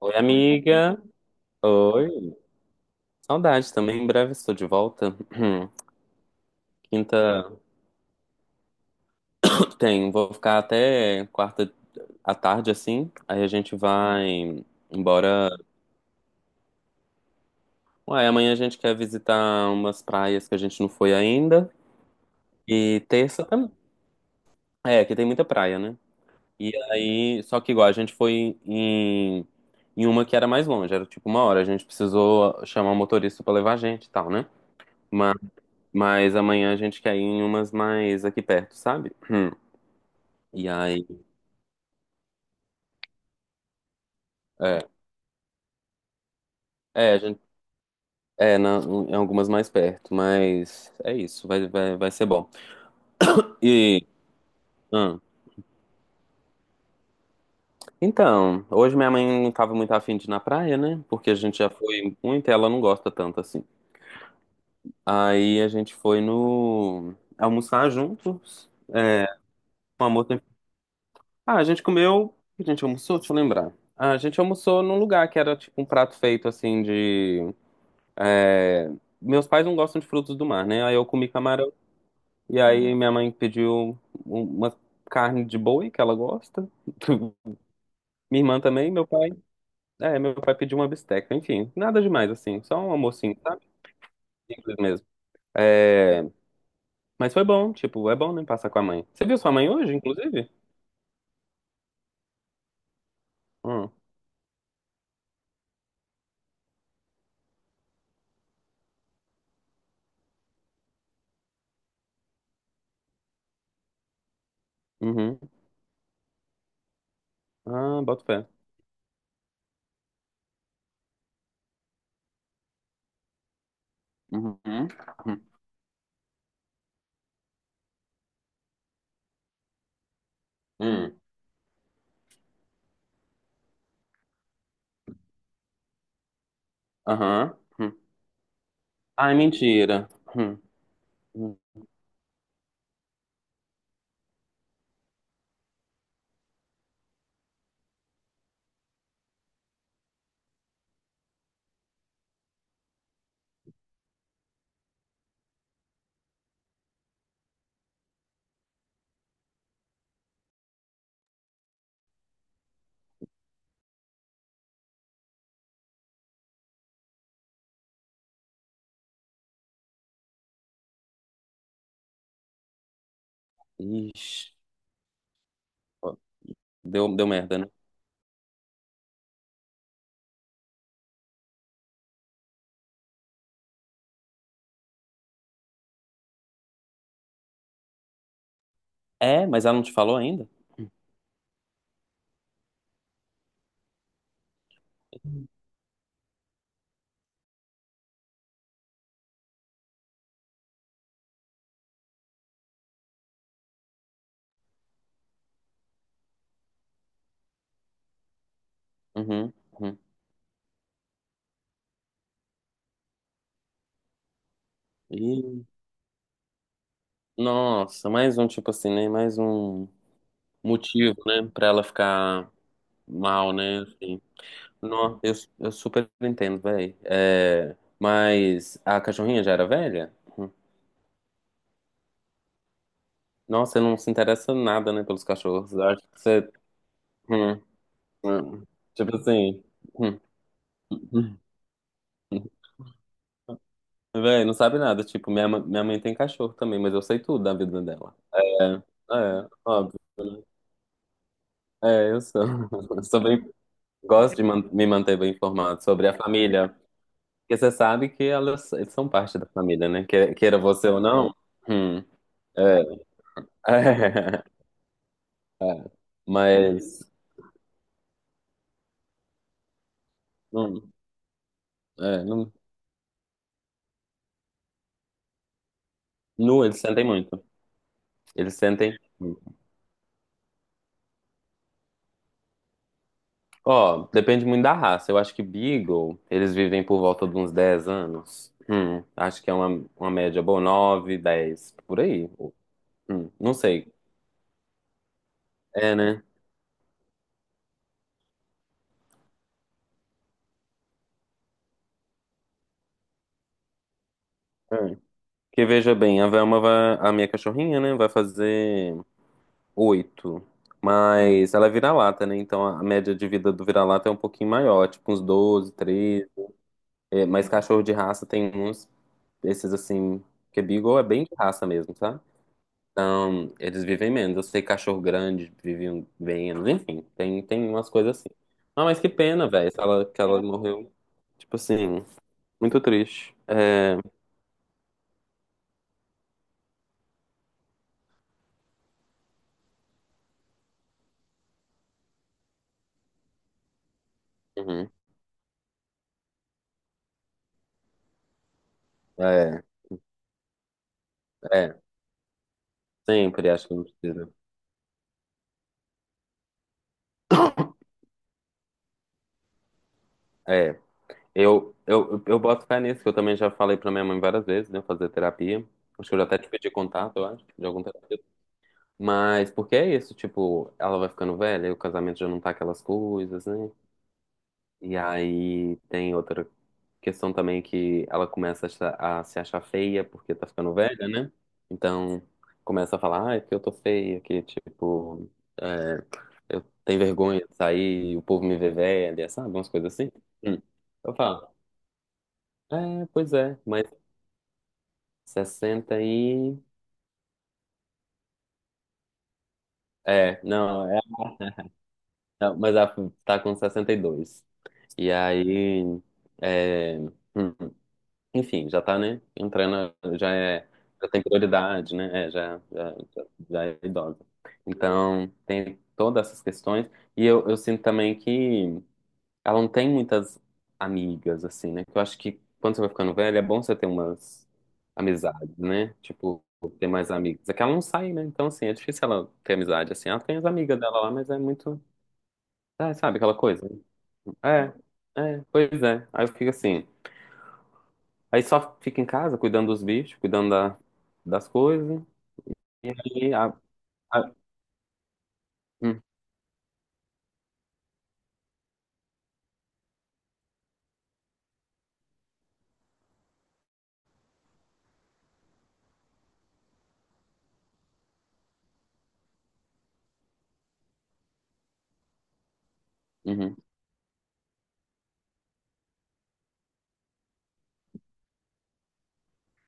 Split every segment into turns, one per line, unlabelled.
Oi, amiga. Oi. Saudade também. Em breve estou de volta. Quinta tem. Vou ficar até quarta à tarde, assim. Aí a gente vai embora. Ué, amanhã a gente quer visitar umas praias que a gente não foi ainda. E terça também. É, que tem muita praia, né? E aí, só que igual, a gente foi em uma que era mais longe. Era tipo uma hora. A gente precisou chamar o motorista para levar a gente e tal, né? Mas amanhã a gente quer ir em umas mais aqui perto, sabe? Hum. E aí, é, a gente, é em algumas mais perto, mas é isso, vai ser bom. E, hum, então, hoje minha mãe não tava muito afim de ir na praia, né? Porque a gente já foi muito e ela não gosta tanto assim. Aí a gente foi no almoçar juntos, é, com a moça. Ah, a gente comeu, o que a gente almoçou, deixa eu lembrar. Ah, a gente almoçou num lugar que era tipo um prato feito assim de É, meus pais não gostam de frutos do mar, né? Aí eu comi camarão. E aí minha mãe pediu uma carne de boi, que ela gosta. Minha irmã também, meu pai. É, meu pai pediu uma bisteca. Enfim, nada demais, assim. Só um almocinho, sabe? Simples mesmo. É, mas foi bom, tipo, é bom, né? Passar com a mãe. Você viu sua mãe hoje, inclusive? Hum, uhum. Ah, bota fé. Uhum. Hum. Hum. Aham. Hum. Ai, mentira. Hum. Hum. Ixi, ó, deu merda, né? É, mas ela não te falou ainda? Uhum, uhum. E, nossa, mais um, tipo assim, né? Mais um motivo, né? Pra ela ficar mal, né? Assim, não, eu super entendo, velho. É, mas a cachorrinha já era velha? Hum. Nossa, você não se interessa nada, né? Pelos cachorros. Eu acho que você. Hum, hum. Tipo assim. Hum, hum, hum. Véi, não sabe nada. Tipo, minha mãe tem cachorro também, mas eu sei tudo da vida dela. É, É, eu sou. Eu sou bem- gosto de me manter bem informado sobre a família. Porque você sabe que elas eles são parte da família, né? Queira você ou não. Hum, é, é, é. Mas. Hum, é, não, nu, eles sentem muito. Eles sentem. Hum. Ó, depende muito da raça. Eu acho que Beagle, eles vivem por volta de uns 10 anos. Acho que é uma média boa, 9 10 por aí. Não sei. É, né? Hum. Que veja bem, a Velma vai, a minha cachorrinha, né, vai fazer 8. Mas ela é vira-lata, né? Então a média de vida do vira-lata é um pouquinho maior, tipo uns 12 13. É, mas cachorro de raça tem uns, esses assim, que é Beagle é bem de raça mesmo, sabe? Então eles vivem menos. Eu sei que cachorro grande vive um, bem menos, enfim, tem umas coisas assim. Ah, mas que pena, velho, que ela morreu. Tipo assim, muito triste. É, uhum, é, é, sempre acho que não precisa. É. Eu boto fé nisso, que eu também já falei pra minha mãe várias vezes, né? Fazer terapia. Acho que eu já até te pedi contato, eu acho, de algum terapeuta. Mas porque é isso, tipo, ela vai ficando velha, e o casamento já não tá aquelas coisas, né? E aí tem outra questão também que ela começa a se achar feia porque tá ficando velha, né? Então começa a falar, ah, é que eu tô feia, que tipo, é, eu tenho vergonha de sair, o povo me vê velha, sabe? Umas coisas assim. Hum. Eu falo. É, pois é, mas 60 e. É, não, mas ela tá com 62. E dois. E aí. É, hum, enfim, já tá, né? Entrando, já é. Já tem prioridade, né? É, já é idosa. Então, tem todas essas questões. E eu sinto também que. Ela não tem muitas amigas, assim, né? Que eu acho que quando você vai ficando velha, é bom você ter umas amizades, né? Tipo, ter mais amigos. É que ela não sai, né? Então, assim, é difícil ela ter amizade, assim. Ela tem as amigas dela lá, mas é muito. É, sabe aquela coisa? É, pois é. Aí eu fico assim. Aí só fica em casa cuidando dos bichos, cuidando da, das coisas. E aí. A- hum, uhum,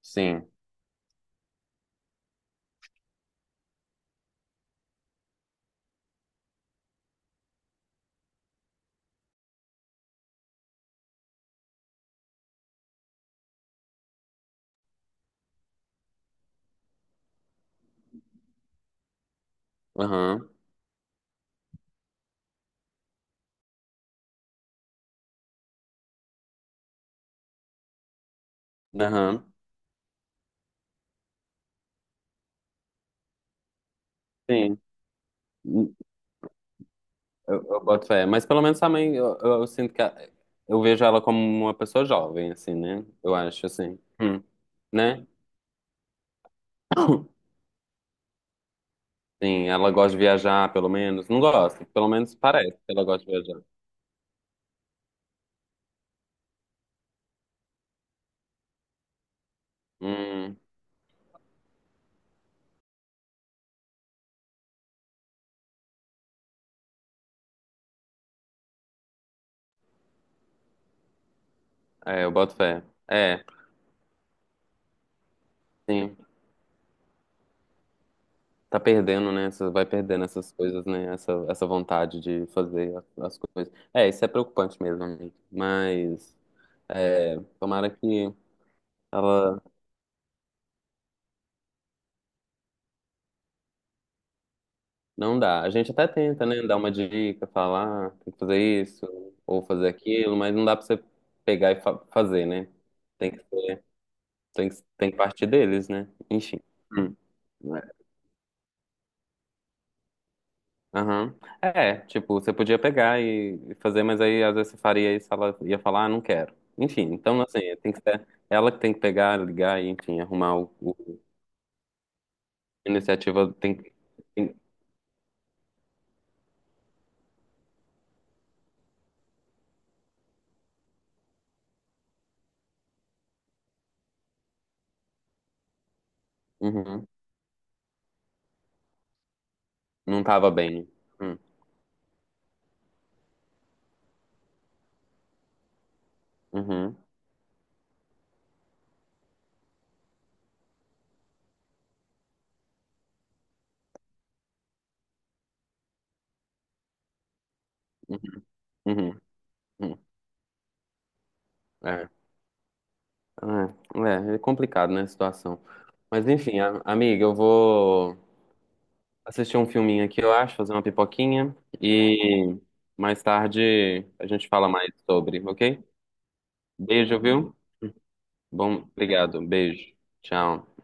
sim. Aham. Aham. Sim. Eu boto fé. Mas pelo menos a mãe, eu sinto eu vejo ela como uma pessoa jovem, assim, né? Eu acho, assim. Hum. Né? Sim, ela gosta de viajar, pelo menos. Não gosta, pelo menos parece que ela gosta de viajar. Hum, é, eu boto fé. É, sim. Tá perdendo, né? Vai perdendo essas coisas, né? Essa vontade de fazer as coisas. É, isso é preocupante mesmo, amigo. Mas, é, tomara que ela. Não dá. A gente até tenta, né? Dar uma dica, falar, "Ah, tem que fazer isso ou fazer aquilo, mas não dá pra você pegar e fazer, né? Tem que ser, tem que partir deles, né? Enfim. Hum. Aham. É, tipo, você podia pegar e fazer, mas aí às vezes você faria isso, ela ia falar, ah, não quero. Enfim, então assim, tem que ser ela que tem que pegar, ligar e, enfim, arrumar o- a iniciativa tem que. Tem- Uhum. Não tava bem. Hum. Uhum. Uhum. Uhum. Uhum. É. É, é complicado, né, a situação. Mas enfim, a- amiga, eu vou assistir um filminho aqui, eu acho, fazer uma pipoquinha e mais tarde a gente fala mais sobre, ok? Beijo, viu? Bom, obrigado. Beijo. Tchau.